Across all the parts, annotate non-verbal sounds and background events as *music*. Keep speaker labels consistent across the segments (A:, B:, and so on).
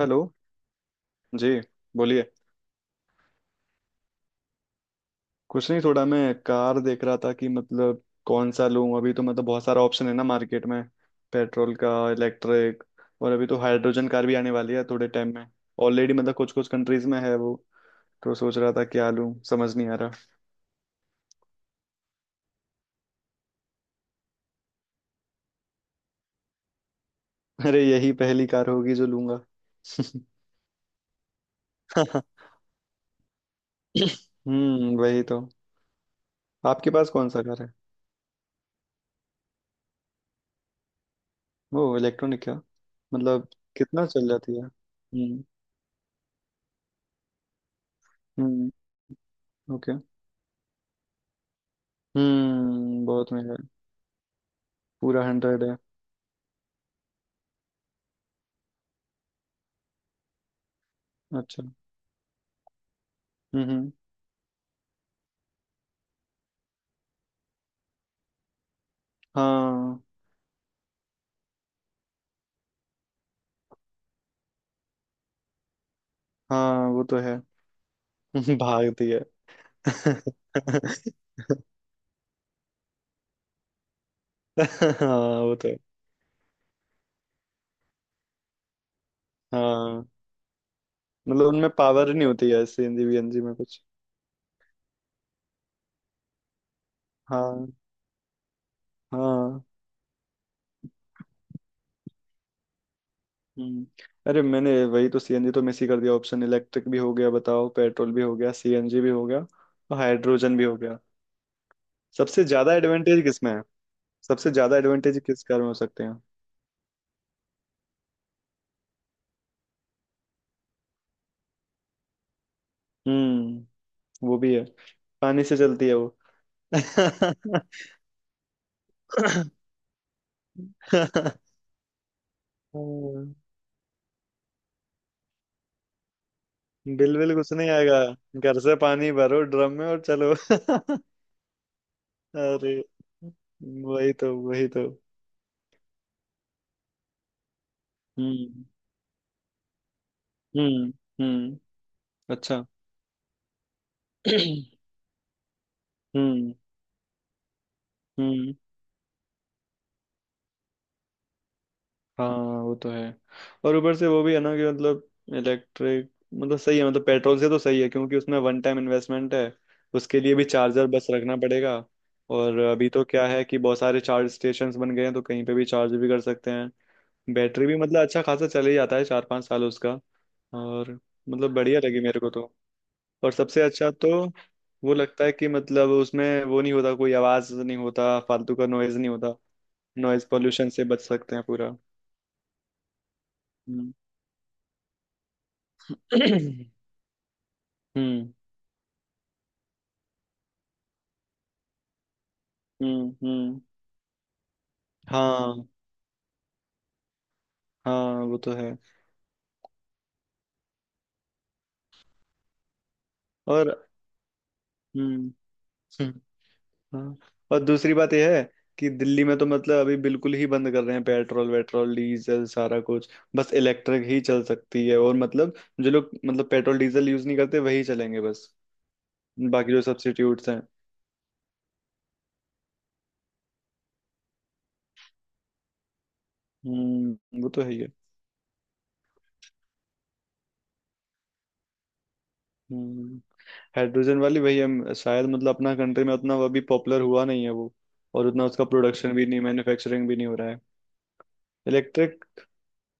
A: Hello. Ji बोलिए। कुछ नहीं, थोड़ा मैं कार देख रहा था कि मतलब कौन सा लूं। अभी तो मतलब बहुत सारा ऑप्शन है ना मार्केट में। पेट्रोल का, इलेक्ट्रिक। और अभी तो हाइड्रोजन कार भी आने वाली है थोड़े टाइम में। ऑलरेडी मतलब कुछ कुछ कंट्रीज में है वो। तो सोच रहा था क्या लूं, समझ नहीं आ रहा। *laughs* अरे, यही पहली कार होगी जो लूंगा। *laughs* हम्म, वही तो। आपके पास कौन सा कार है? वो इलेक्ट्रॉनिक क्या? मतलब कितना चल जाती है? हम्म। हम्म। ओके। हम्म, बहुत महंगा। पूरा 100 है। अच्छा। हम्म। हम्म। हाँ। हाँ वो तो है। *laughs* भागती है। *laughs* हाँ वो तो है। हाँ। मतलब उनमें पावर नहीं होती है सीएनजी वीएनजी में कुछ। हाँ। हाँ। हम्म। अरे, मैंने वही तो सीएनजी तो मिस ही कर दिया ऑप्शन। इलेक्ट्रिक भी हो गया बताओ, पेट्रोल भी हो गया, सीएनजी भी हो गया और हाइड्रोजन भी हो गया। सबसे ज्यादा एडवांटेज किसमें है? सबसे ज्यादा एडवांटेज किस कार में हो सकते हैं? हम्म। वो भी है। पानी से चलती है वो। *laughs* बिल। बिल कुछ नहीं आएगा, घर से पानी भरो ड्रम में और चलो। *laughs* अरे, वही तो वही तो। हम्म। हम्म। हम्म। अच्छा। *clears throat* हम्म। हम्म। हाँ वो तो है। और ऊपर से वो भी है ना कि मतलब, इलेक्ट्रिक मतलब सही है, मतलब पेट्रोल से तो सही है क्योंकि उसमें वन टाइम इन्वेस्टमेंट है। उसके लिए भी चार्जर बस रखना पड़ेगा। और अभी तो क्या है कि बहुत सारे चार्ज स्टेशंस बन गए हैं, तो कहीं पे भी चार्ज भी कर सकते हैं। बैटरी भी मतलब अच्छा खासा चले ही जाता है, चार पाँच साल उसका। और मतलब बढ़िया लगी मेरे को तो। और सबसे अच्छा तो वो लगता है कि मतलब उसमें वो नहीं होता, कोई आवाज़ नहीं होता, फालतू का नॉइज़ नहीं होता। नॉइज़ पोल्यूशन से बच सकते हैं पूरा। हम्म। *coughs* *clears throat* हम्म। हम्म। हम्म। हाँ। हाँ वो तो है। और हम्म। *laughs* हाँ। और दूसरी बात यह है कि दिल्ली में तो मतलब अभी बिल्कुल ही बंद कर रहे हैं पेट्रोल वेट्रोल डीजल सारा कुछ। बस इलेक्ट्रिक ही चल सकती है और मतलब, जो लोग मतलब पेट्रोल डीजल यूज नहीं करते वही चलेंगे बस। बाकी जो सब्स्टिट्यूट्स हैं। वो तो है ही है। हम्म। हाइड्रोजन वाली वही है शायद, मतलब अपना कंट्री में उतना वो अभी पॉपुलर हुआ नहीं है वो। और उतना उसका प्रोडक्शन भी नहीं, मैन्युफैक्चरिंग भी नहीं हो रहा है। इलेक्ट्रिक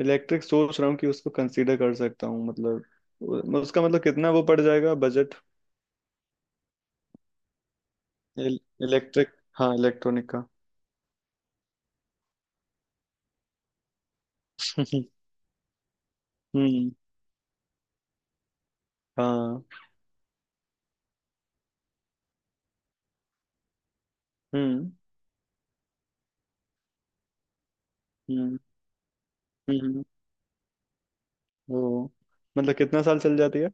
A: इलेक्ट्रिक सोच रहा हूँ कि उसको कंसीडर कर सकता हूँ, मतलब उसका मतलब कितना वो पड़ जाएगा बजट? इलेक्ट्रिक। हाँ, इलेक्ट्रॉनिक का। *laughs* हम्म। हाँ। हम्म। हम्म। हम्म। वो मतलब कितना साल चल जाती है?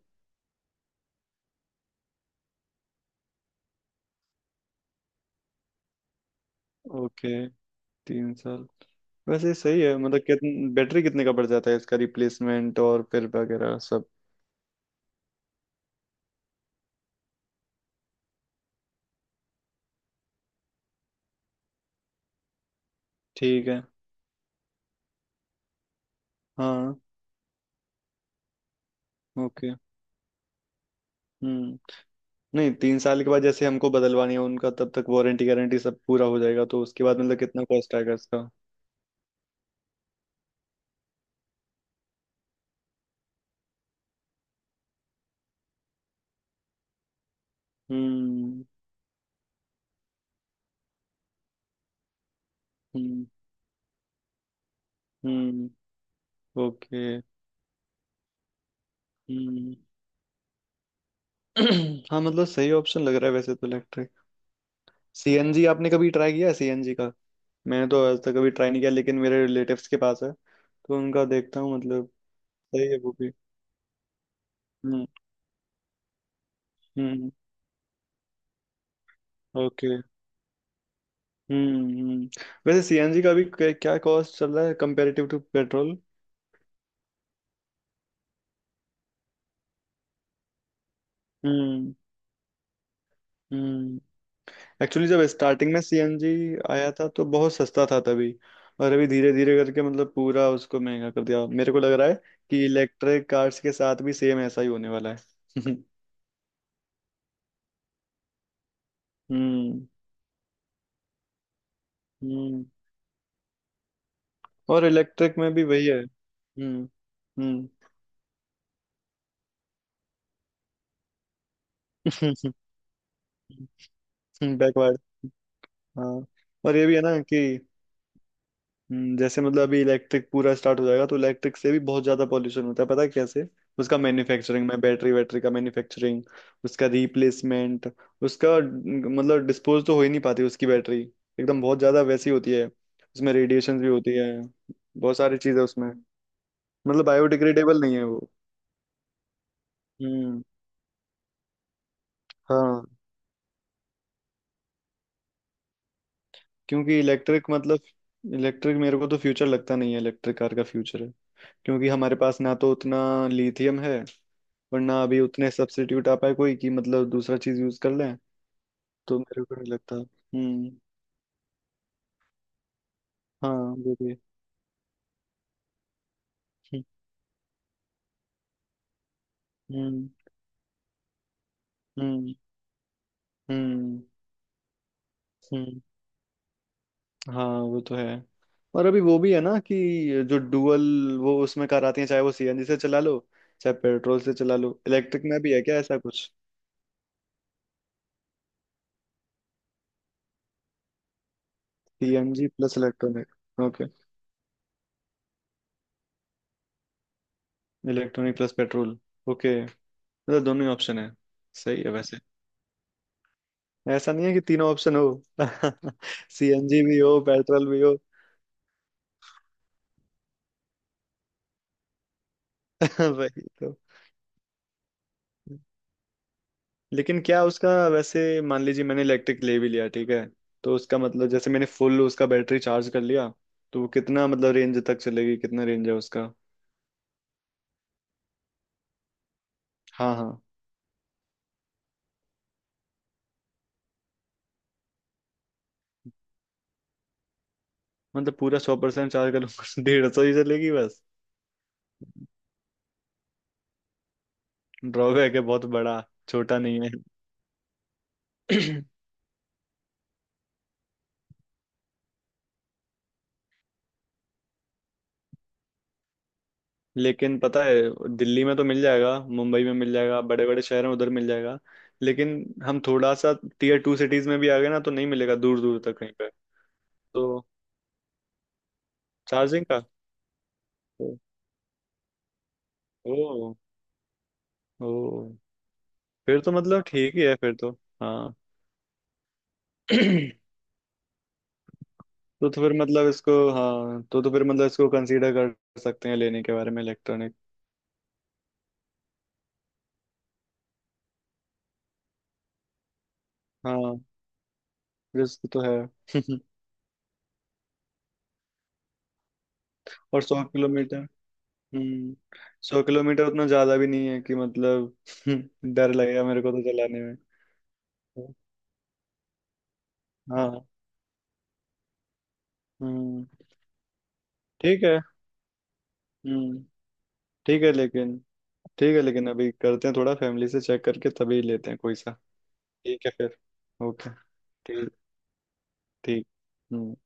A: ओके। 3 साल। वैसे सही है, मतलब कितन बैटरी कितने का पड़ जाता है इसका रिप्लेसमेंट और फिर वगैरह सब? ठीक है। हाँ। ओके। हम्म। नहीं, 3 साल के बाद जैसे हमको बदलवानी है उनका, तब तक वारंटी गारंटी सब पूरा हो जाएगा, तो उसके बाद मतलब कितना कॉस्ट आएगा इसका? हम्म। हम्म। हम्म। ओके। हम्म। *clears throat* हाँ, मतलब सही ऑप्शन लग रहा है वैसे तो इलेक्ट्रिक। सीएनजी आपने कभी ट्राई किया है? सीएनजी का? मैंने तो आज तक कभी ट्राई नहीं किया, लेकिन मेरे रिलेटिव्स के पास है, तो उनका देखता हूँ मतलब। सही है वो भी। हम्म। हम्म। ओके। हम्म। हम्म। वैसे सीएनजी का भी क्या कॉस्ट चल रहा है comparative to petrol? Hmm. Hmm. Actually जब स्टार्टिंग में सीएनजी आया था तो बहुत सस्ता था तभी। और अभी धीरे धीरे करके मतलब पूरा उसको महंगा कर दिया। मेरे को लग रहा है कि इलेक्ट्रिक कार्स के साथ भी सेम ऐसा ही होने वाला है। *laughs* हम्म। हम्म। और इलेक्ट्रिक में भी वही है। हम्म। हम्म। *laughs* बैकवर्ड। हाँ। और ये भी है ना कि जैसे मतलब अभी इलेक्ट्रिक पूरा स्टार्ट हो जाएगा, तो इलेक्ट्रिक से भी बहुत ज्यादा पॉल्यूशन होता है, पता है कैसे? उसका मैन्युफैक्चरिंग में, बैटरी वैटरी का मैन्युफैक्चरिंग, उसका रिप्लेसमेंट, उसका न, मतलब डिस्पोज तो हो ही नहीं पाती उसकी बैटरी। एकदम बहुत ज्यादा वैसी होती है, उसमें रेडिएशन भी होती है, बहुत सारी चीजें उसमें। मतलब बायोडिग्रेडेबल नहीं है वो। हम्म। हाँ। क्योंकि इलेक्ट्रिक मेरे को तो फ्यूचर लगता नहीं है, इलेक्ट्रिक कार का फ्यूचर है। क्योंकि हमारे पास ना तो उतना लिथियम है, और ना अभी उतने सब्स्टिट्यूट आ पाए कोई कि मतलब दूसरा चीज यूज कर लें। तो मेरे को नहीं लगता। हम्म। हाँ। वो भी। हम्म। हम्म। हम्म। हम्म। हम्म, हाँ वो तो है। और अभी वो भी है ना कि जो डुअल वो उसमें कार आती है, चाहे वो सीएनजी से चला लो, चाहे पेट्रोल से चला लो। इलेक्ट्रिक में भी है क्या ऐसा कुछ? CNG plus electronic? Electronic plus petrol? Okay. मतलब दोनों ही ऑप्शन है। सही है वैसे। ऐसा नहीं है कि तीनों ऑप्शन हो। *laughs* सीएनजी भी हो, पेट्रोल भी हो। *laughs* वही तो। लेकिन क्या उसका वैसे, मान लीजिए मैंने इलेक्ट्रिक ले भी लिया, ठीक है। तो उसका मतलब जैसे मैंने फुल उसका बैटरी चार्ज कर लिया, तो वो कितना मतलब रेंज तक चलेगी, कितना रेंज है उसका? हाँ हाँ। मतलब पूरा 100% चार्ज कर लूँ *laughs* 150 ही चलेगी बस? ड्रॉबैक है बहुत बड़ा। छोटा नहीं। है। *clears throat* लेकिन पता है, दिल्ली में तो मिल जाएगा, मुंबई में मिल जाएगा, बड़े बड़े शहर में उधर मिल जाएगा। लेकिन हम थोड़ा सा टीयर टू सिटीज में भी आ गए ना, तो नहीं मिलेगा दूर दूर तक कहीं पे। तो चार्जिंग का? तो, ओ। ओ। फिर तो मतलब ठीक ही है फिर तो। हाँ। *clears throat* तो तो फिर मतलब इसको हाँ तो फिर मतलब इसको कंसीडर कर सकते हैं लेने के बारे में, इलेक्ट्रॉनिक। हाँ। रिस्क तो है। *laughs* और 100 किलोमीटर। हम्म। सौ किलोमीटर उतना ज्यादा भी नहीं है कि मतलब *laughs* डर लगेगा मेरे को तो चलाने। हाँ। हम्म। ठीक है। हम्म। ठीक है लेकिन ठीक है लेकिन अभी करते हैं थोड़ा फैमिली से चेक करके तभी लेते हैं कोई सा। ठीक है फिर। ओके। ठीक। ठीक। हम्म।